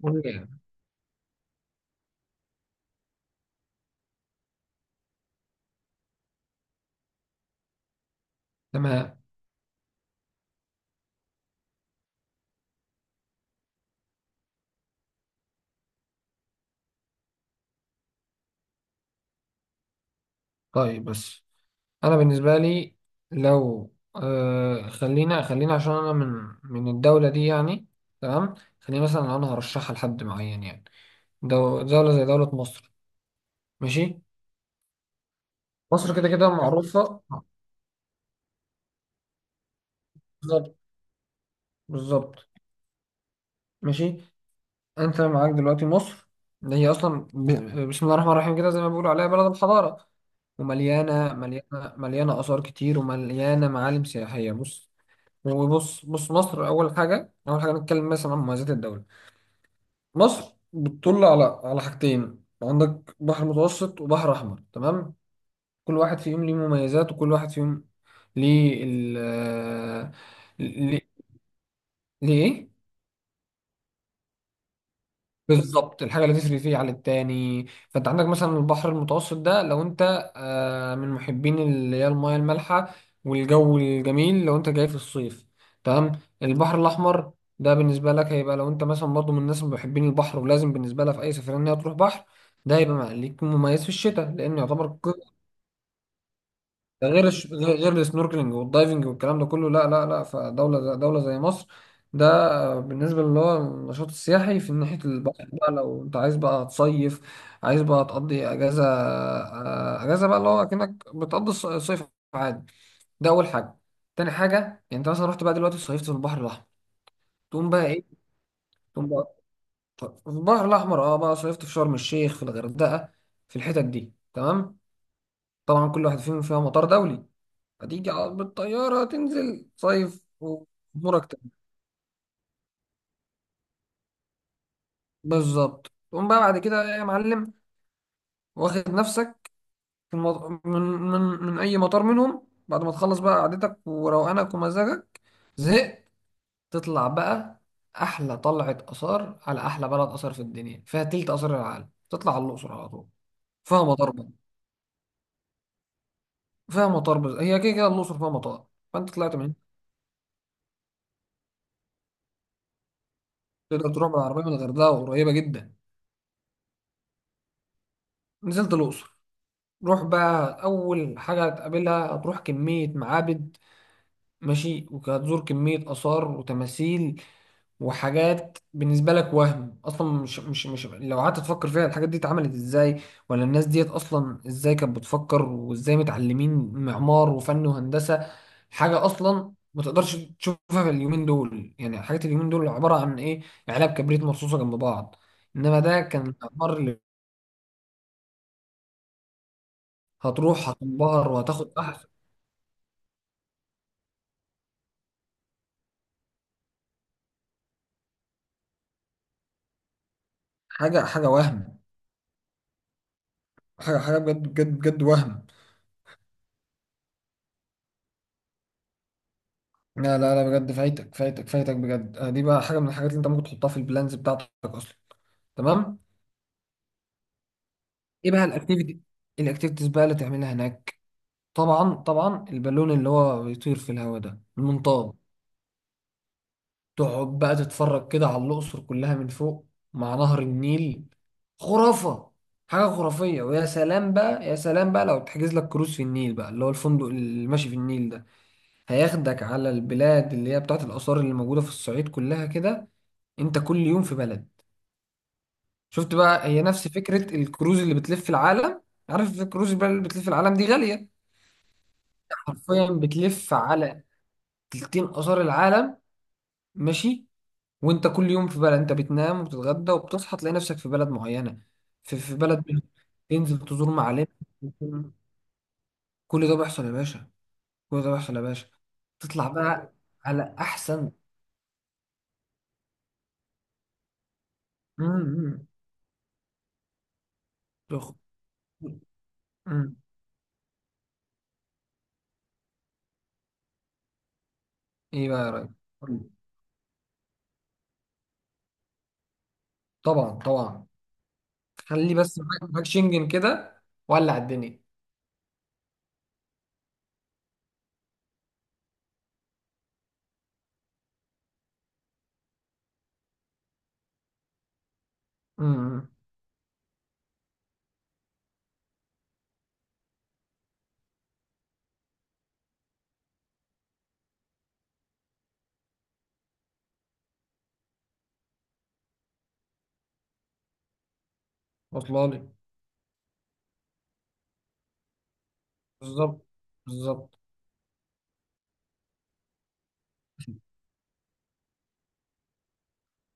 مهم. تمام، طيب بس انا بالنسبه لي لو خلينا عشان انا من الدوله دي، يعني تمام. خلينا مثلا لو انا هرشحها لحد معين، يعني دو دوله زي دوله مصر. ماشي، مصر كده كده معروفه. بالظبط، بالظبط. ماشي، انت معاك دلوقتي مصر، اللي هي اصلا بسم الله الرحمن الرحيم، كده زي ما بيقولوا عليها بلد الحضاره، ومليانه مليانه مليانه اثار كتير، ومليانه معالم سياحيه. بص، وبص مصر، اول حاجه نتكلم مثلا عن مميزات الدوله. مصر بتطل على حاجتين، عندك بحر متوسط وبحر احمر. تمام، كل واحد فيهم ليه مميزات، وكل واحد فيهم ليه ال ليه ليه إيه؟ بالظبط، الحاجه اللي تسري فيه عن التاني. فانت عندك مثلا البحر المتوسط ده، لو انت من محبين اللي هي المياه المالحه والجو الجميل، لو انت جاي في الصيف. تمام، البحر الاحمر ده بالنسبه لك هيبقى لو انت مثلا برضه من الناس اللي محبين البحر، ولازم بالنسبه لها في اي سفريه ان هي تروح بحر. ده هيبقى ليك مميز في الشتاء، لان يعتبر ده غير غير السنوركلينج والدايفنج والكلام ده كله. لا لا لا، فدولة دولة زي مصر، ده بالنسبة اللي هو النشاط السياحي في ناحية البحر بقى. لو انت عايز بقى تصيف، عايز بقى تقضي اجازة، اجازة بقى اللي هو اكنك بتقضي الصيف عادي. ده اول حاجة. تاني حاجة، يعني انت مثلا رحت بقى دلوقتي صيفت في البحر الاحمر، تقوم بقى ايه؟ تقوم بقى في البحر الاحمر اه، بقى صيفت في شرم الشيخ، في الغردقة، في الحتت دي. تمام، طبعا كل واحد فيهم فيها مطار دولي، هتيجي على بالطيارة تنزل صيف وأمورك تمام. بالظبط، تقوم بقى بعد كده يا معلم، واخد نفسك في من أي مطار منهم، بعد ما تخلص بقى قعدتك وروقانك ومزاجك، زهقت، تطلع بقى أحلى طلعة آثار على أحلى بلد آثار في الدنيا، فيها تلت آثار العالم. تطلع على الأقصر على طول، فيها مطار بقى، فيها مطار. بس هي كده كده الأقصر فيها مطار. فأنت طلعت من هنا، تقدر تروح بالعربية من الغردقة، وقريبة جدا. نزلت الأقصر، روح بقى. أول حاجة هتقابلها، هتروح كمية معابد، ماشي، وهتزور كمية آثار وتماثيل وحاجات بالنسبة لك وهم. أصلا مش لو قعدت تفكر فيها الحاجات دي اتعملت إزاي، ولا الناس ديت أصلا إزاي كانت بتفكر، وإزاي متعلمين معمار وفن وهندسة. حاجة أصلا ما تقدرش تشوفها في اليومين دول، يعني حاجات اليومين دول عبارة عن إيه؟ علب كبريت مرصوصة جنب بعض، إنما ده كان المعمار اللي هتروح هتنبهر وهتاخد أحسن. حاجة وهم، حاجة بجد، بجد وهم. لا لا لا بجد، فايتك بجد. دي بقى حاجة من الحاجات اللي انت ممكن تحطها في البلانز بتاعتك اصلا. تمام، ايه بقى الاكتيفيتي، الاكتيفيتيز بقى اللي تعملها هناك؟ طبعا البالون اللي هو بيطير في الهواء ده، المنطاد، تقعد بقى تتفرج كده على الأقصر كلها من فوق مع نهر النيل. خرافة، حاجة خرافية. ويا سلام بقى، يا سلام بقى لو تحجز لك كروز في النيل بقى، اللي هو الفندق اللي ماشي في النيل ده، هياخدك على البلاد اللي هي بتاعت الآثار اللي موجودة في الصعيد كلها كده. أنت كل يوم في بلد. شفت بقى، هي نفس فكرة الكروز اللي بتلف العالم. عارف الكروز بقى اللي بتلف العالم دي غالية، حرفيا بتلف على تلتين آثار العالم. ماشي، وأنت كل يوم في بلد. أنت بتنام وبتتغدى وبتصحى تلاقي نفسك في بلد معينة، في بلد منهم. تنزل تزور معالم. كل ده بيحصل يا باشا، كل ده بيحصل يا باشا. تطلع بقى على أحسن. مم. مم. تخ- مم. ايه بقى يا راجل؟ طبعا طبعا، خلي بس معاك شنجن كده، ولع الدنيا. امم، واصله لي. بالظبط، بالظبط.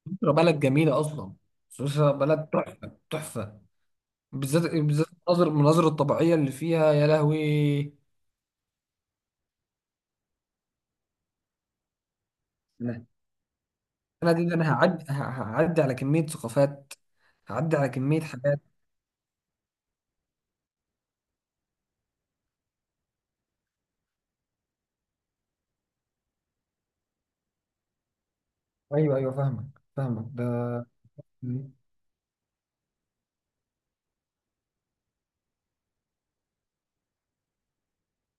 سويسرا بلد جميله اصلا، سويسرا بلد تحفه تحفه. بالذات، بالذات المناظر، المناظر الطبيعيه اللي فيها يا لهوي. انا أنا دي ده انا هعدي، هعدي على كميه ثقافات، هعدي على كميه حاجات. ايوه ايوه، فاهمك، فاهمك ده. مم.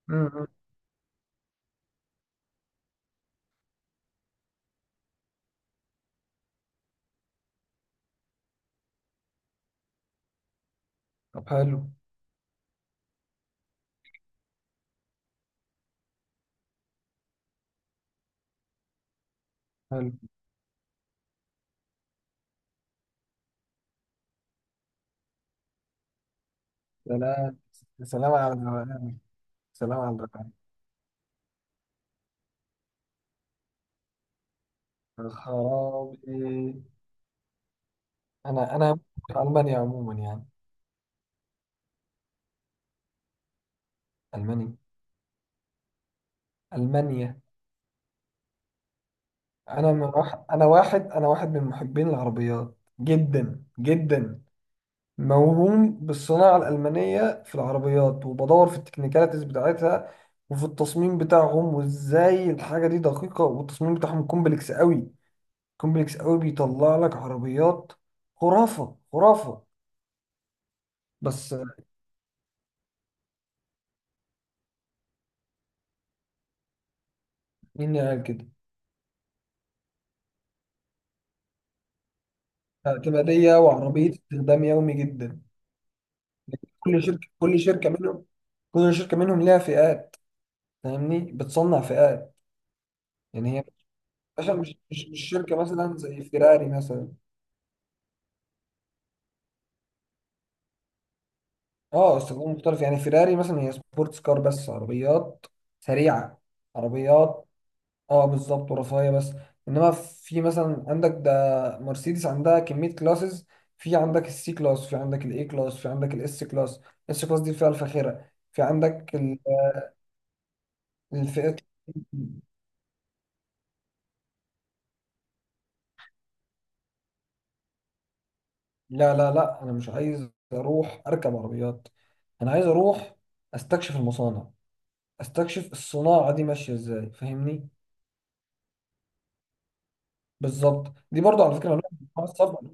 مم. طب حلو، حلو. سلام، سلام على الروقان، سلام على الروقان. يا خرابي، انا في المانيا عموما يعني. المانيا، المانيا. انا من واحد انا واحد انا واحد من محبين العربيات جدا جدا، موهوم بالصناعه الالمانيه في العربيات، وبدور في التكنيكاليتيز بتاعتها وفي التصميم بتاعهم، وازاي الحاجه دي دقيقه، والتصميم بتاعهم كومبلكس قوي، كومبلكس قوي بيطلع لك عربيات خرافه، خرافه. بس مين اللي قال كده؟ اعتماديه وعربيه استخدام يومي جدا. كل شركه منهم، كل شركه منهم ليها فئات. فاهمني، بتصنع فئات. يعني هي مثلا مش شركه مثلا زي فيراري مثلا. اه، استخدام مختلف. يعني فيراري مثلا هي سبورتس كار بس، عربيات سريعه، عربيات اه بالظبط، ورفاهيه بس. انما في مثلا عندك ده، مرسيدس عندها كميه كلاسز، في عندك السي كلاس، في عندك الاي كلاس، في عندك الاس كلاس. الاس كلاس دي الفئه الفاخره. في عندك الفئه. لا لا لا، انا مش عايز اروح اركب عربيات، انا عايز اروح استكشف المصانع، استكشف الصناعه دي ماشيه ازاي، فاهمني. بالظبط، دي برضو على فكره نوع من انواع السفر،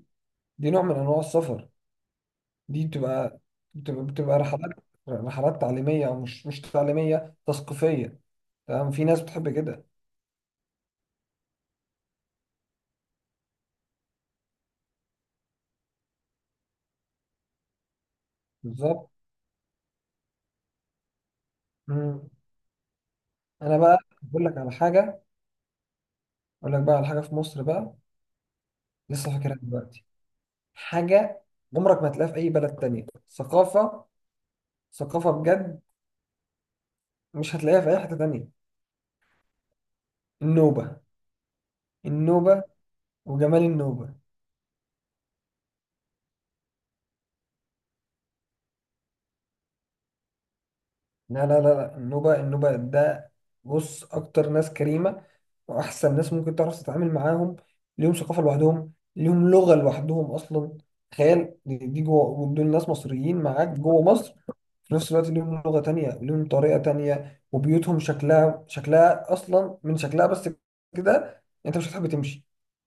دي نوع من انواع السفر. دي بتبقى، بتبقى رحلات، رحلات تعليميه، او مش تعليميه، تثقيفيه. تمام، في ناس بتحب كده. بالظبط. مم. انا بقى بقول لك على حاجه، اقول لك بقى على حاجه في مصر بقى، لسه فاكرها دلوقتي. حاجه عمرك ما هتلاقيها في اي بلد تانية، ثقافه، ثقافه بجد، مش هتلاقيها في اي حته تانية. النوبه. النوبه، وجمال النوبه. لا لا لا لا، النوبه، النوبه ده. بص، اكتر ناس كريمه، واحسن ناس ممكن تعرف تتعامل معاهم، ليهم ثقافه لوحدهم، ليهم لغه لوحدهم اصلا. تخيل، دي جوه دول ناس مصريين معاك جوه مصر، في نفس الوقت ليهم لغه تانية، ليهم طريقه تانية، وبيوتهم شكلها، شكلها اصلا من شكلها بس كده انت مش هتحب تمشي.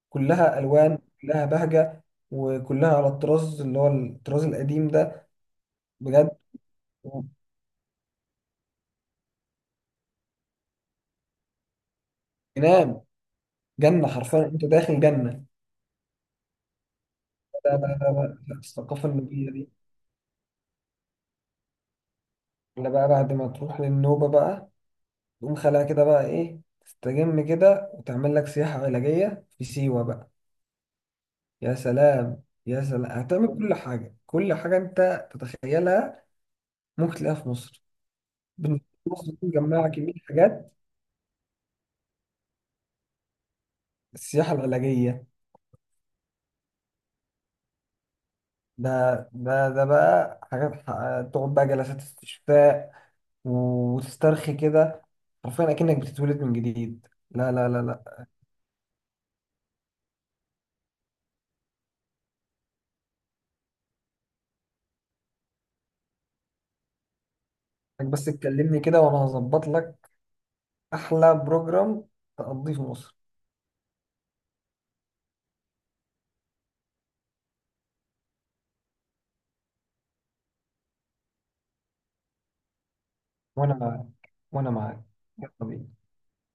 كلها الوان، كلها بهجه، وكلها على الطراز اللي هو الطراز القديم ده، بجد جنان. جنه حرفيا، انت داخل جنه. لا لا لا لا لا، الثقافه النوبيه دي اللي بقى بعد ما تروح للنوبه بقى، تقوم خلاها كده بقى ايه، تستجم كده وتعمل لك سياحه علاجيه في سيوه بقى. يا سلام، يا سلام، هتعمل كل حاجه، كل حاجه انت تتخيلها ممكن تلاقيها في مصر. بالنسبة لي مصر دي مجمعة كمية حاجات، السياحة العلاجية، ده ده بقى حاجات، تقعد بقى جلسات استشفاء وتسترخي كده، حرفيا اكنك بتتولد من جديد. لا لا لا لا، إنك بس تكلمني كده، وانا هظبط لك احلى بروجرام تقضيه في مصر. وانا معاك، وانا معاك، يلا بينا